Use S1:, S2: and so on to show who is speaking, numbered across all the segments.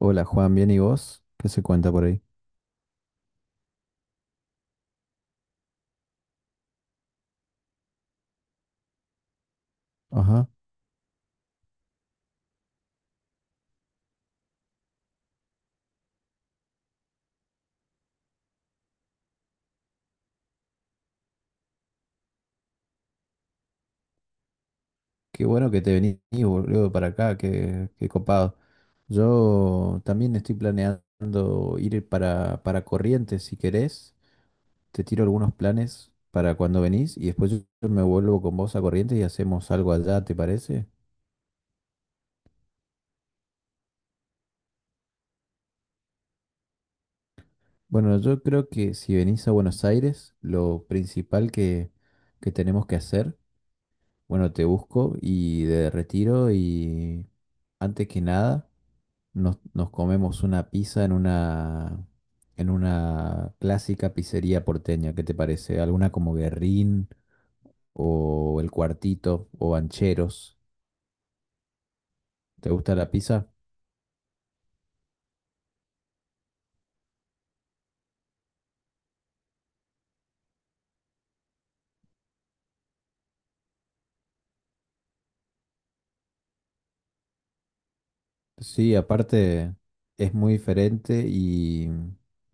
S1: Hola Juan, ¿bien y vos? ¿Qué se cuenta por ahí? Ajá. Qué bueno que te venís, boludo, para acá, qué copado. Yo también estoy planeando ir para Corrientes, si querés. Te tiro algunos planes para cuando venís y después yo me vuelvo con vos a Corrientes y hacemos algo allá, ¿te parece? Bueno, yo creo que si venís a Buenos Aires, lo principal que tenemos que hacer, bueno, te busco y de retiro y antes que nada. Nos comemos una pizza en una clásica pizzería porteña. ¿Qué te parece? ¿Alguna como Guerrín o El Cuartito o Bancheros? ¿Te gusta la pizza? Sí, aparte es muy diferente y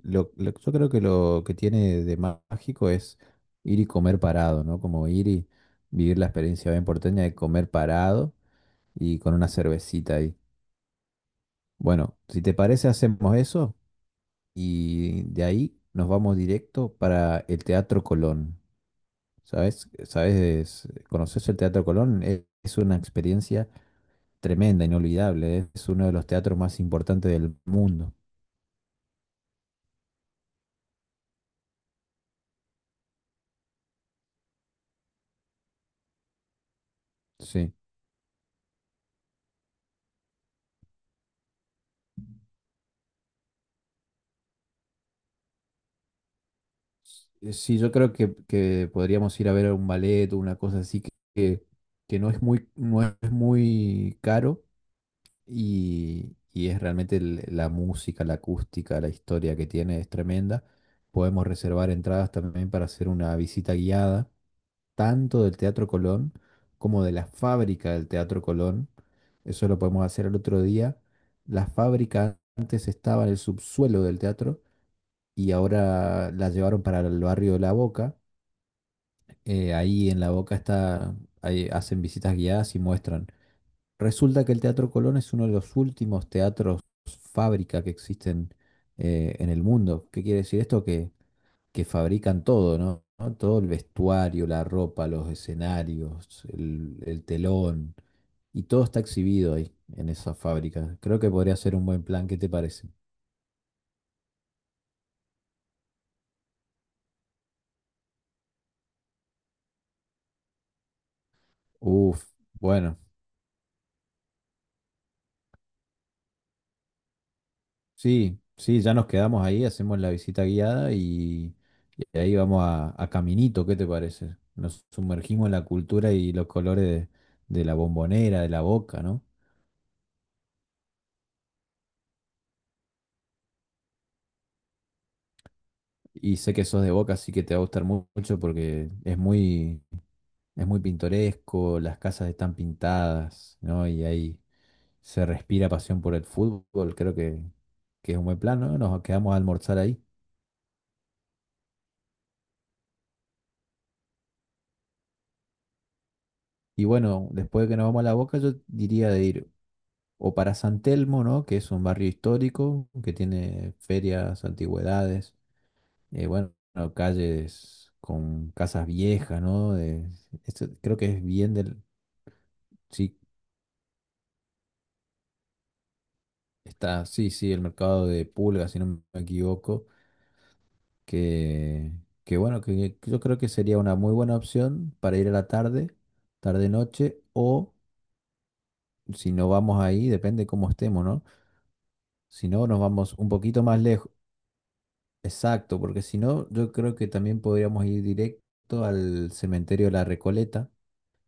S1: yo creo que lo que tiene de mágico es ir y comer parado, ¿no? Como ir y vivir la experiencia bien porteña de comer parado y con una cervecita ahí. Bueno, si te parece, hacemos eso. Y de ahí nos vamos directo para el Teatro Colón. ¿Sabes? ¿Sabes? ¿Conoces el Teatro Colón? Es una experiencia tremenda, inolvidable, ¿eh? Es uno de los teatros más importantes del mundo. Sí. Sí, yo creo que podríamos ir a ver un ballet o una cosa así que, que no es muy caro y es realmente la música, la acústica, la historia que tiene es tremenda. Podemos reservar entradas también para hacer una visita guiada, tanto del Teatro Colón como de la fábrica del Teatro Colón. Eso lo podemos hacer el otro día. La fábrica antes estaba en el subsuelo del teatro y ahora la llevaron para el barrio de La Boca. Ahí en La Boca está, ahí hacen visitas guiadas y muestran. Resulta que el Teatro Colón es uno de los últimos teatros fábrica que existen en el mundo. ¿Qué quiere decir esto? Que fabrican todo, ¿no? ¿no? Todo el vestuario, la ropa, los escenarios, el telón, y todo está exhibido ahí en esa fábrica. Creo que podría ser un buen plan. ¿Qué te parece? Uf, bueno. Sí, sí, ya nos quedamos ahí, hacemos la visita guiada y ahí vamos a Caminito, ¿qué te parece? Nos sumergimos en la cultura y los colores de la Bombonera, de la Boca, ¿no? Y sé que sos de Boca, así que te va a gustar mucho porque es muy pintoresco, las casas están pintadas, ¿no? Y ahí se respira pasión por el fútbol, creo que es un buen plan, ¿no? Nos quedamos a almorzar ahí. Y bueno, después de que nos vamos a la Boca, yo diría de ir o para San Telmo, ¿no? Que es un barrio histórico que tiene ferias, antigüedades, bueno, calles con casas viejas, ¿no? Esto creo que es bien del... Sí, está, sí, sí, el mercado de Pulga, si no me equivoco, que, que bueno, que yo creo que sería una muy buena opción para ir a la tarde, tarde-noche, o si no vamos ahí, depende cómo estemos, ¿no? Si no, nos vamos un poquito más lejos. Exacto, porque si no, yo creo que también podríamos ir directo al cementerio de la Recoleta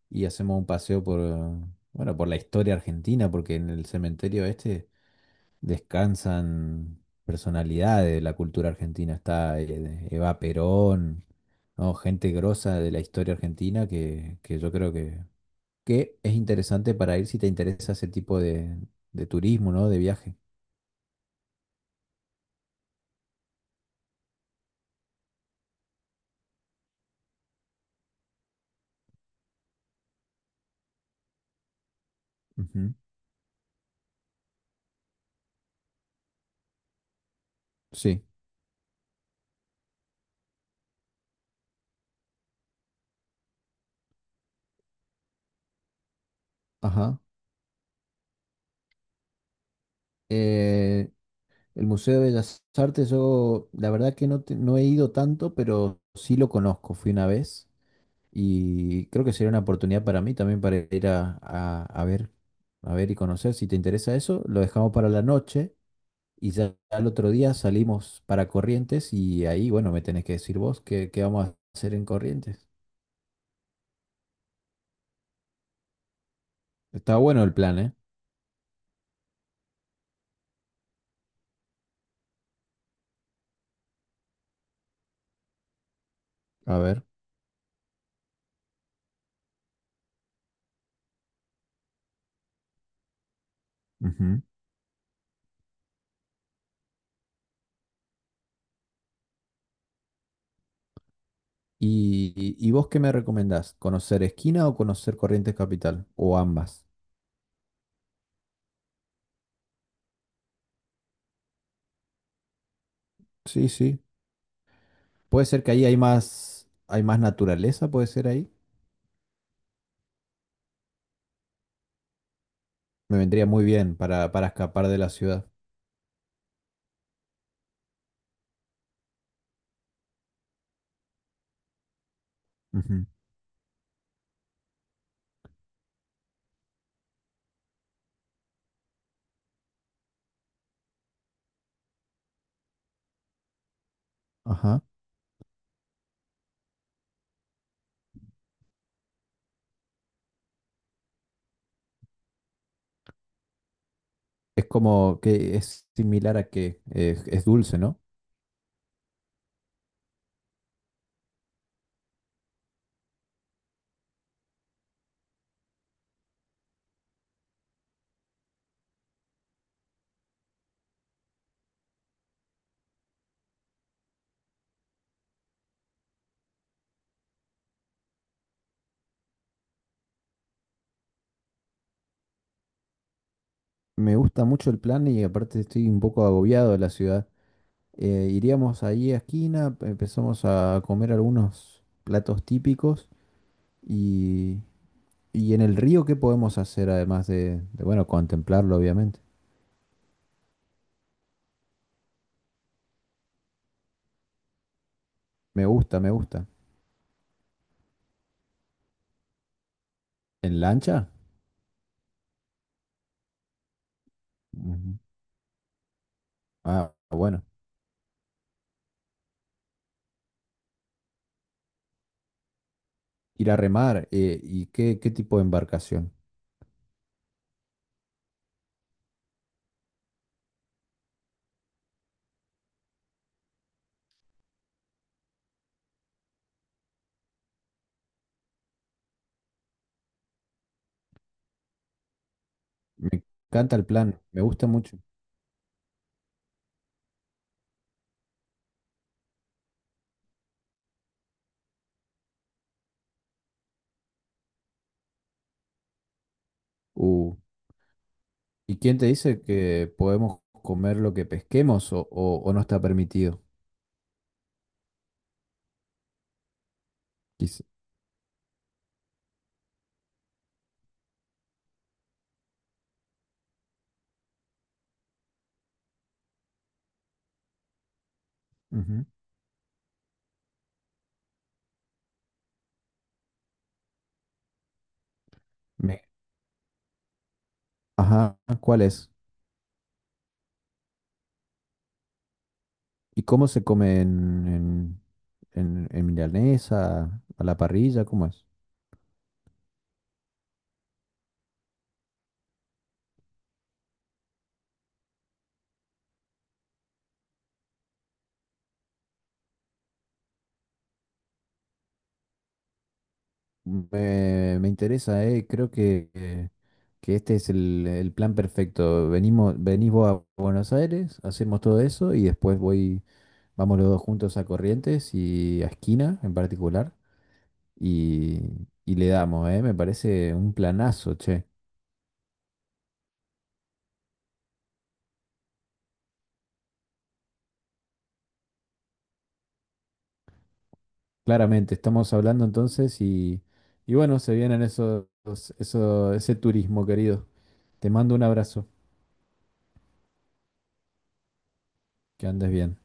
S1: y hacemos un paseo por, bueno, por la historia argentina, porque en el cementerio este descansan personalidades de la cultura argentina. Está Eva Perón, ¿no? Gente grosa de la historia argentina que yo creo que es interesante para ir si te interesa ese tipo de turismo, ¿no? De viaje. Ujú. Sí. Ajá. Eh, El Museo de Bellas Artes, yo la verdad que no, no he ido tanto, pero sí lo conozco, fui una vez y creo que sería una oportunidad para mí también para ir a ver y conocer. Si te interesa eso, lo dejamos para la noche y ya al otro día salimos para Corrientes y ahí, bueno, me tenés que decir vos qué vamos a hacer en Corrientes. Está bueno el plan, ¿eh? A ver. Ujú. Y vos qué me recomendás? ¿Conocer Esquina o conocer Corrientes Capital? ¿O ambas? Sí, sí. Puede ser que ahí hay más naturaleza, puede ser ahí. Me vendría muy bien para escapar de la ciudad. Ujú. Ajá. Es como que es similar a que es dulce, ¿no? Me gusta mucho el plan y aparte estoy un poco agobiado de la ciudad. Iríamos ahí a esquina, empezamos a comer algunos platos típicos y, y en el río, ¿qué podemos hacer además bueno, contemplarlo, obviamente? Me gusta, me gusta. ¿En lancha? Ujú. Ah, bueno. Ir a remar y qué tipo de embarcación. Me encanta el plan, me gusta mucho. Uh, ¿Y quién te dice que podemos comer lo que pesquemos o, o no está permitido? Dice, ujú. Me- ajá, ¿cuál es? ¿Y cómo se come en milanesa, a la parrilla? ¿Cómo es? Me interesa, creo que que este es el plan perfecto. Venimos, venís vos a Buenos Aires, hacemos todo eso y después voy. Vamos los dos juntos a Corrientes y a Esquina en particular y, y le damos, ¿eh? Me parece un planazo, che. Claramente, estamos hablando entonces y bueno, se vienen esos, eso, ese turismo, querido. Te mando un abrazo, que andes bien.